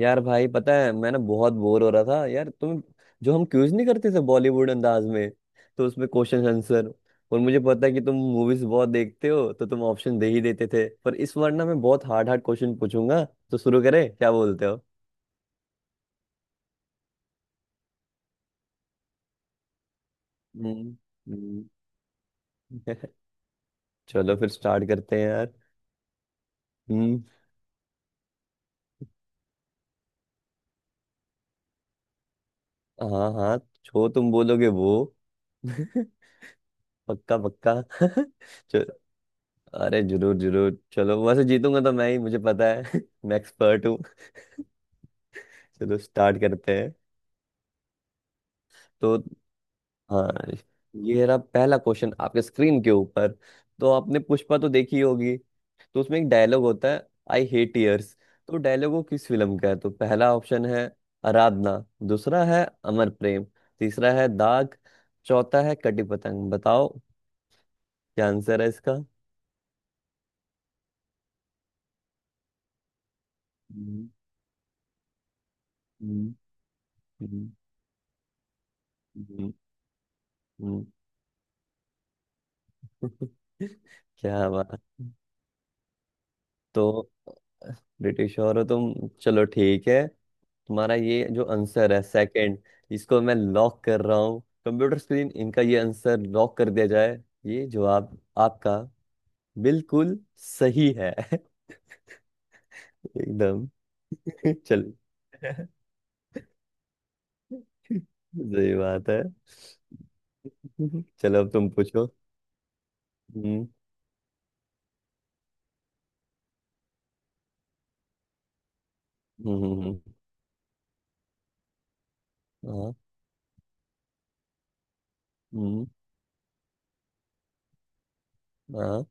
यार भाई पता है, मैं ना बहुत बोर हो रहा था यार। तुम जो हम क्यूज नहीं करते थे बॉलीवुड अंदाज में, तो उसमें क्वेश्चन आंसर। और मुझे पता है कि तुम मूवीज बहुत देखते हो, तो तुम ऑप्शन दे ही देते थे। पर इस बार ना मैं बहुत हार्ड हार्ड क्वेश्चन पूछूंगा। तो शुरू करें, क्या बोलते हो? हम्म। हम्म। चलो फिर स्टार्ट करते हैं यार। हम्म। हाँ हाँ, जो तुम बोलोगे वो। पक्का पक्का। चलो, अरे जरूर जरूर, चलो। वैसे जीतूंगा तो मैं ही, मुझे पता है। मैं एक्सपर्ट। चलो स्टार्ट करते हैं। तो हाँ, ये रहा पहला क्वेश्चन आपके स्क्रीन के ऊपर। तो आपने पुष्पा तो देखी होगी, तो उसमें एक डायलॉग होता है, आई हेट टीयर्स। तो डायलॉग वो किस फिल्म का है? तो पहला ऑप्शन है आराधना, दूसरा है अमर प्रेम, तीसरा है दाग, चौथा है कटी पतंग। बताओ क्या आंसर है इसका। हम्म, हम्म, हम्म, हम्म, हम्म। क्या बात! तो ब्रिटिश हो रहे हो तुम। चलो ठीक है, तुम्हारा ये जो आंसर है, सेकंड, इसको मैं लॉक कर रहा हूँ। कंप्यूटर स्क्रीन, इनका ये आंसर लॉक कर दिया जाए। ये जवाब आपका बिल्कुल सही है। एकदम। चलो। सही बात है। चलो अब तुम पूछो। हम्म। हम्म। हाँ। हम्म। हाँ।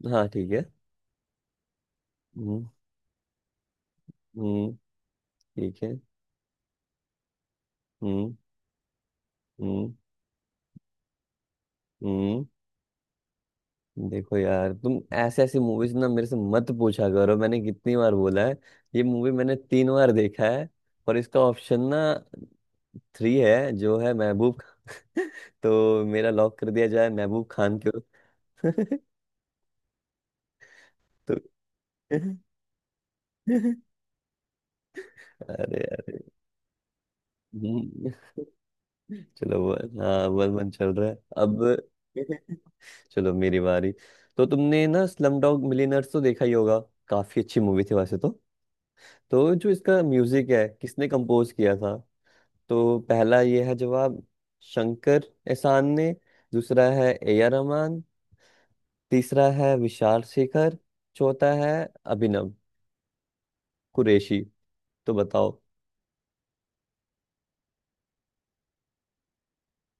हाँ ठीक है। हम्म। हम्म। ठीक है। हम्म। हम्म। हम्म। देखो यार, तुम ऐसे ऐसी मूवीज ना मेरे से मत पूछा करो, मैंने कितनी बार बोला है। ये मूवी मैंने तीन बार देखा है। और इसका ऑप्शन ना, थ्री है, जो है महबूब खान। तो मेरा लॉक कर दिया जाए, महबूब खान के तो। अरे यार। हम्म, चलो वो। हाँ वन वन चल रहा है अब। चलो मेरी बारी। तो तुमने ना स्लम डॉग मिलियनेयर्स तो देखा ही होगा, काफी अच्छी मूवी थी वैसे तो। तो जो इसका म्यूजिक है, किसने कंपोज किया था? तो पहला ये है जवाब, शंकर एहसान ने, दूसरा है ए आर रहमान, तीसरा है विशाल शेखर, चौथा है अभिनव कुरैशी। तो बताओ।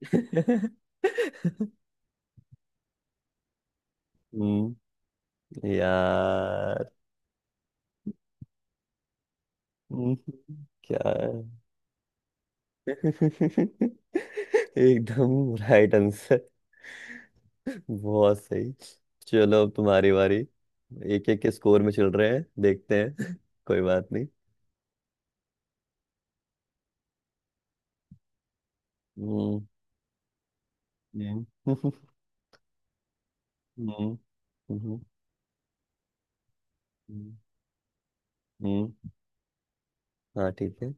हम्म। यार। हम्म, क्या है? एकदम राइट आंसर, बहुत सही। चलो अब तुम्हारी बारी। एक एक के स्कोर में चल रहे हैं, देखते हैं। कोई बात नहीं। हम्म। हम्म। हम्म, हम्म, हम्म। हम्म, हम्म, हाँ ठीक है।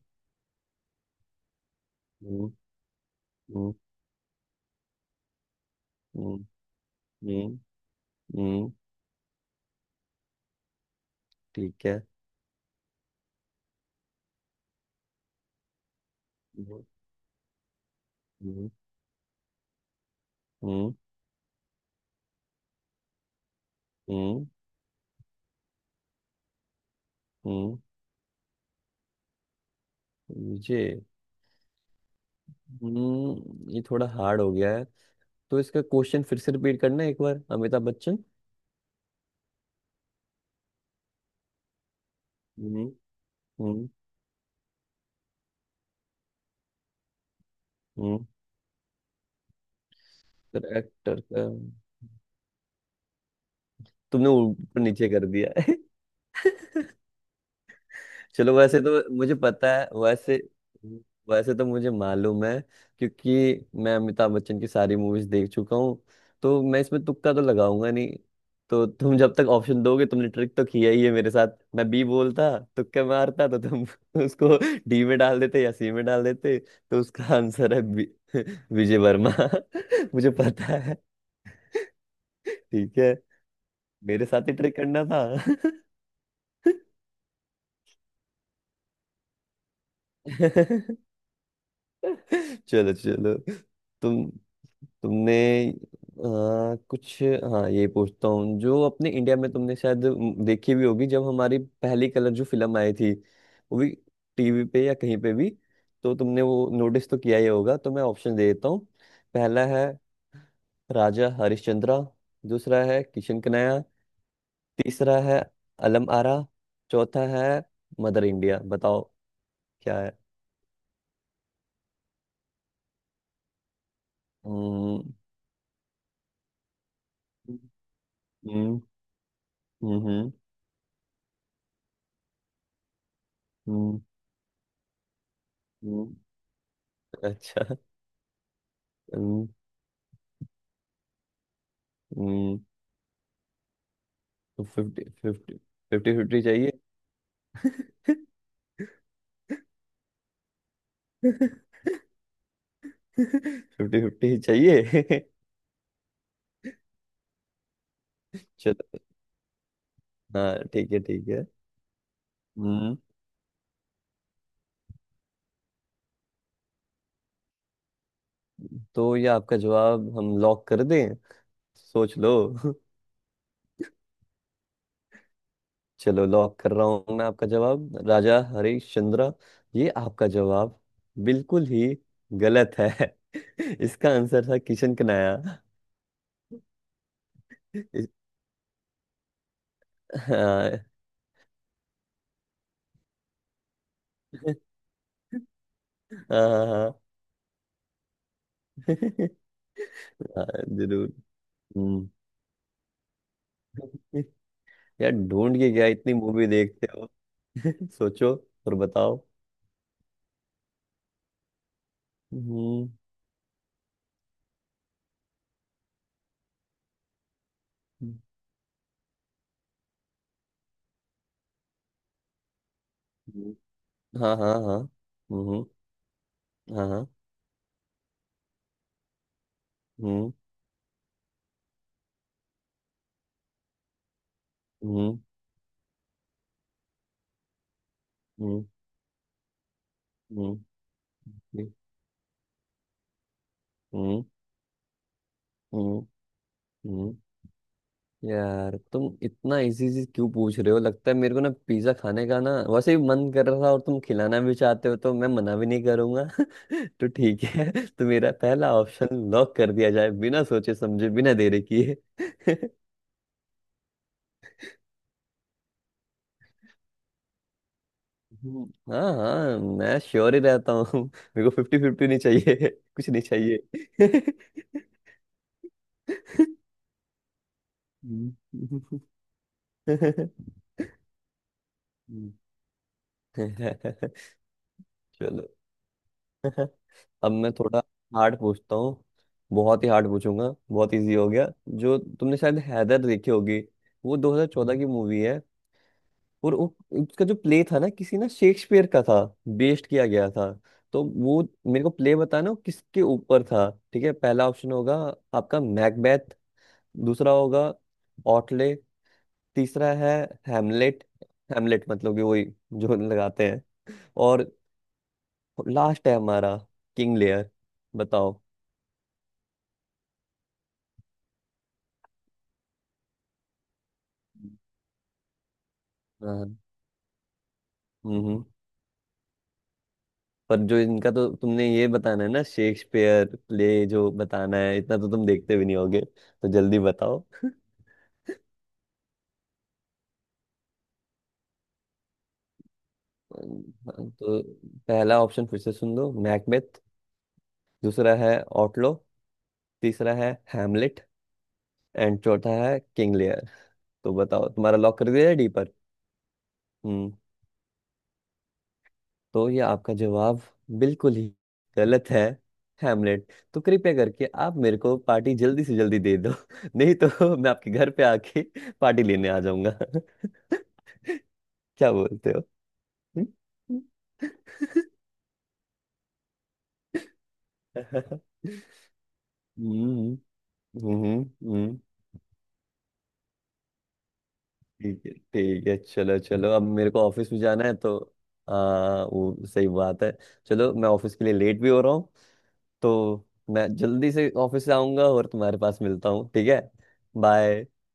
हम्म। हम्म। हम्म। हम्म। हम्म, ठीक है। हम्म। हम्म। हम्म। हम्म, ये। हम्म, ये थोड़ा हार्ड हो गया है। तो इसका क्वेश्चन फिर से रिपीट करना एक बार, अमिताभ बच्चन। हम्म। हम्म। हम्म। एक्टर का। तुमने ऊपर नीचे कर दिया है। चलो वैसे तो मुझे पता है, वैसे। वैसे तो मुझे मालूम है। क्योंकि मैं अमिताभ बच्चन की सारी मूवीज देख चुका हूँ, तो मैं इसमें तुक्का तो लगाऊंगा नहीं। तो तुम जब तक ऑप्शन दोगे, तुमने ट्रिक तो किया ही है मेरे साथ, मैं बी बोलता। तुक्का मारता तो तुम उसको डी में डाल देते या सी में डाल देते। तो उसका आंसर है विजय वर्मा। मुझे पता है। ठीक है। मेरे साथ ही ट्रिक करना था। चलो चलो। तुम तुमने कुछ, हाँ, ये पूछता हूँ। जो अपने इंडिया में तुमने शायद देखी भी होगी, जब हमारी पहली कलर जो फिल्म आई थी, वो भी टीवी पे या कहीं पे भी। तो तुमने वो नोटिस तो किया ही होगा। तो मैं ऑप्शन दे देता हूँ। पहला है राजा हरिश्चंद्रा, दूसरा है किशन कन्हैया, तीसरा है अलम आरा, चौथा है मदर इंडिया। बताओ क्या है। हम्म। हम्म। हम्म। हम्म। हम्म, हम्म, अच्छा। हम्म। तो फिफ्टी फिफ्टी, फिफ्टी फिफ्टी चाहिए। फिफ्टी फिफ्टी ही चाहिए। चलो। हाँ ठीक है ठीक है। हम्म। तो ये आपका जवाब हम लॉक कर दें? सोच लो। चलो लॉक कर रहा हूँ मैं आपका जवाब, राजा हरीश चंद्र। ये आपका जवाब बिल्कुल ही गलत है। इसका आंसर था किशन कनाया। इस- हाँ। हाँ हाँ, हाँ, जरूर। हम्म। यार ढूंढ के क्या, इतनी मूवी देखते। सोचो और बताओ। हम्म। हम्म, हाँ हाँ हाँ। हम्म। हाँ हाँ। हम्म। हम्म। हम्म। हम्म। हम्म। हम्म। हम्म। यार तुम इतना इजी चीज क्यों पूछ रहे हो! लगता है मेरे को ना पिज्जा खाने का ना वैसे ही मन कर रहा था, और तुम खिलाना भी चाहते हो, तो मैं मना भी नहीं करूंगा। तो ठीक है, तो मेरा पहला ऑप्शन लॉक कर दिया जाए, बिना सोचे समझे, बिना देरी किए। हम्म, हाँ हाँ, मैं श्योर ही रहता हूँ। मेरे को फिफ्टी फिफ्टी नहीं चाहिए, कुछ नहीं चाहिए। हम्म। हम्म। चलो अब मैं थोड़ा हार्ड पूछता हूँ। बहुत ही हार्ड पूछूंगा, बहुत इजी हो गया। जो तुमने शायद हैदर देखी होगी, वो 2014 की मूवी है। और वो, उसका जो प्ले था ना, किसी ना शेक्सपियर का था, बेस्ड किया गया था। तो वो मेरे को प्ले बताना, वो किसके ऊपर था। ठीक है, पहला ऑप्शन होगा आपका मैकबेथ, दूसरा होगा ऑटले, तीसरा है हैमलेट, हैमलेट मतलब कि वही जो लगाते हैं। और लास्ट है हमारा किंग लेयर। बताओ। हाँ। हम्म। पर जो इनका, तो तुमने ये बताना है ना, शेक्सपियर प्ले जो बताना है, इतना तो तुम देखते भी नहीं होगे, तो जल्दी बताओ। तो पहला ऑप्शन फिर से सुन लो, मैकबेथ, दूसरा है ऑटलो, तीसरा है हैमलेट, एंड चौथा है किंग लियर। तो बताओ, तुम्हारा लॉक कर दिया है डी पर। हम्म। तो ये आपका जवाब बिल्कुल ही गलत है, हैमलेट। तो कृपया करके आप मेरे को पार्टी जल्दी से जल्दी दे दो, नहीं तो मैं आपके घर पे आके पार्टी लेने आ जाऊंगा। क्या बोलते हो? हम्म। हम्म, हम्म, हम्म। ठीक है ठीक है, चलो चलो, अब मेरे को ऑफिस में जाना है। तो आ, वो सही बात है। चलो मैं ऑफिस के लिए लेट भी हो रहा हूँ, तो मैं जल्दी से ऑफिस आऊंगा और तुम्हारे पास मिलता हूँ, ठीक है? बाय।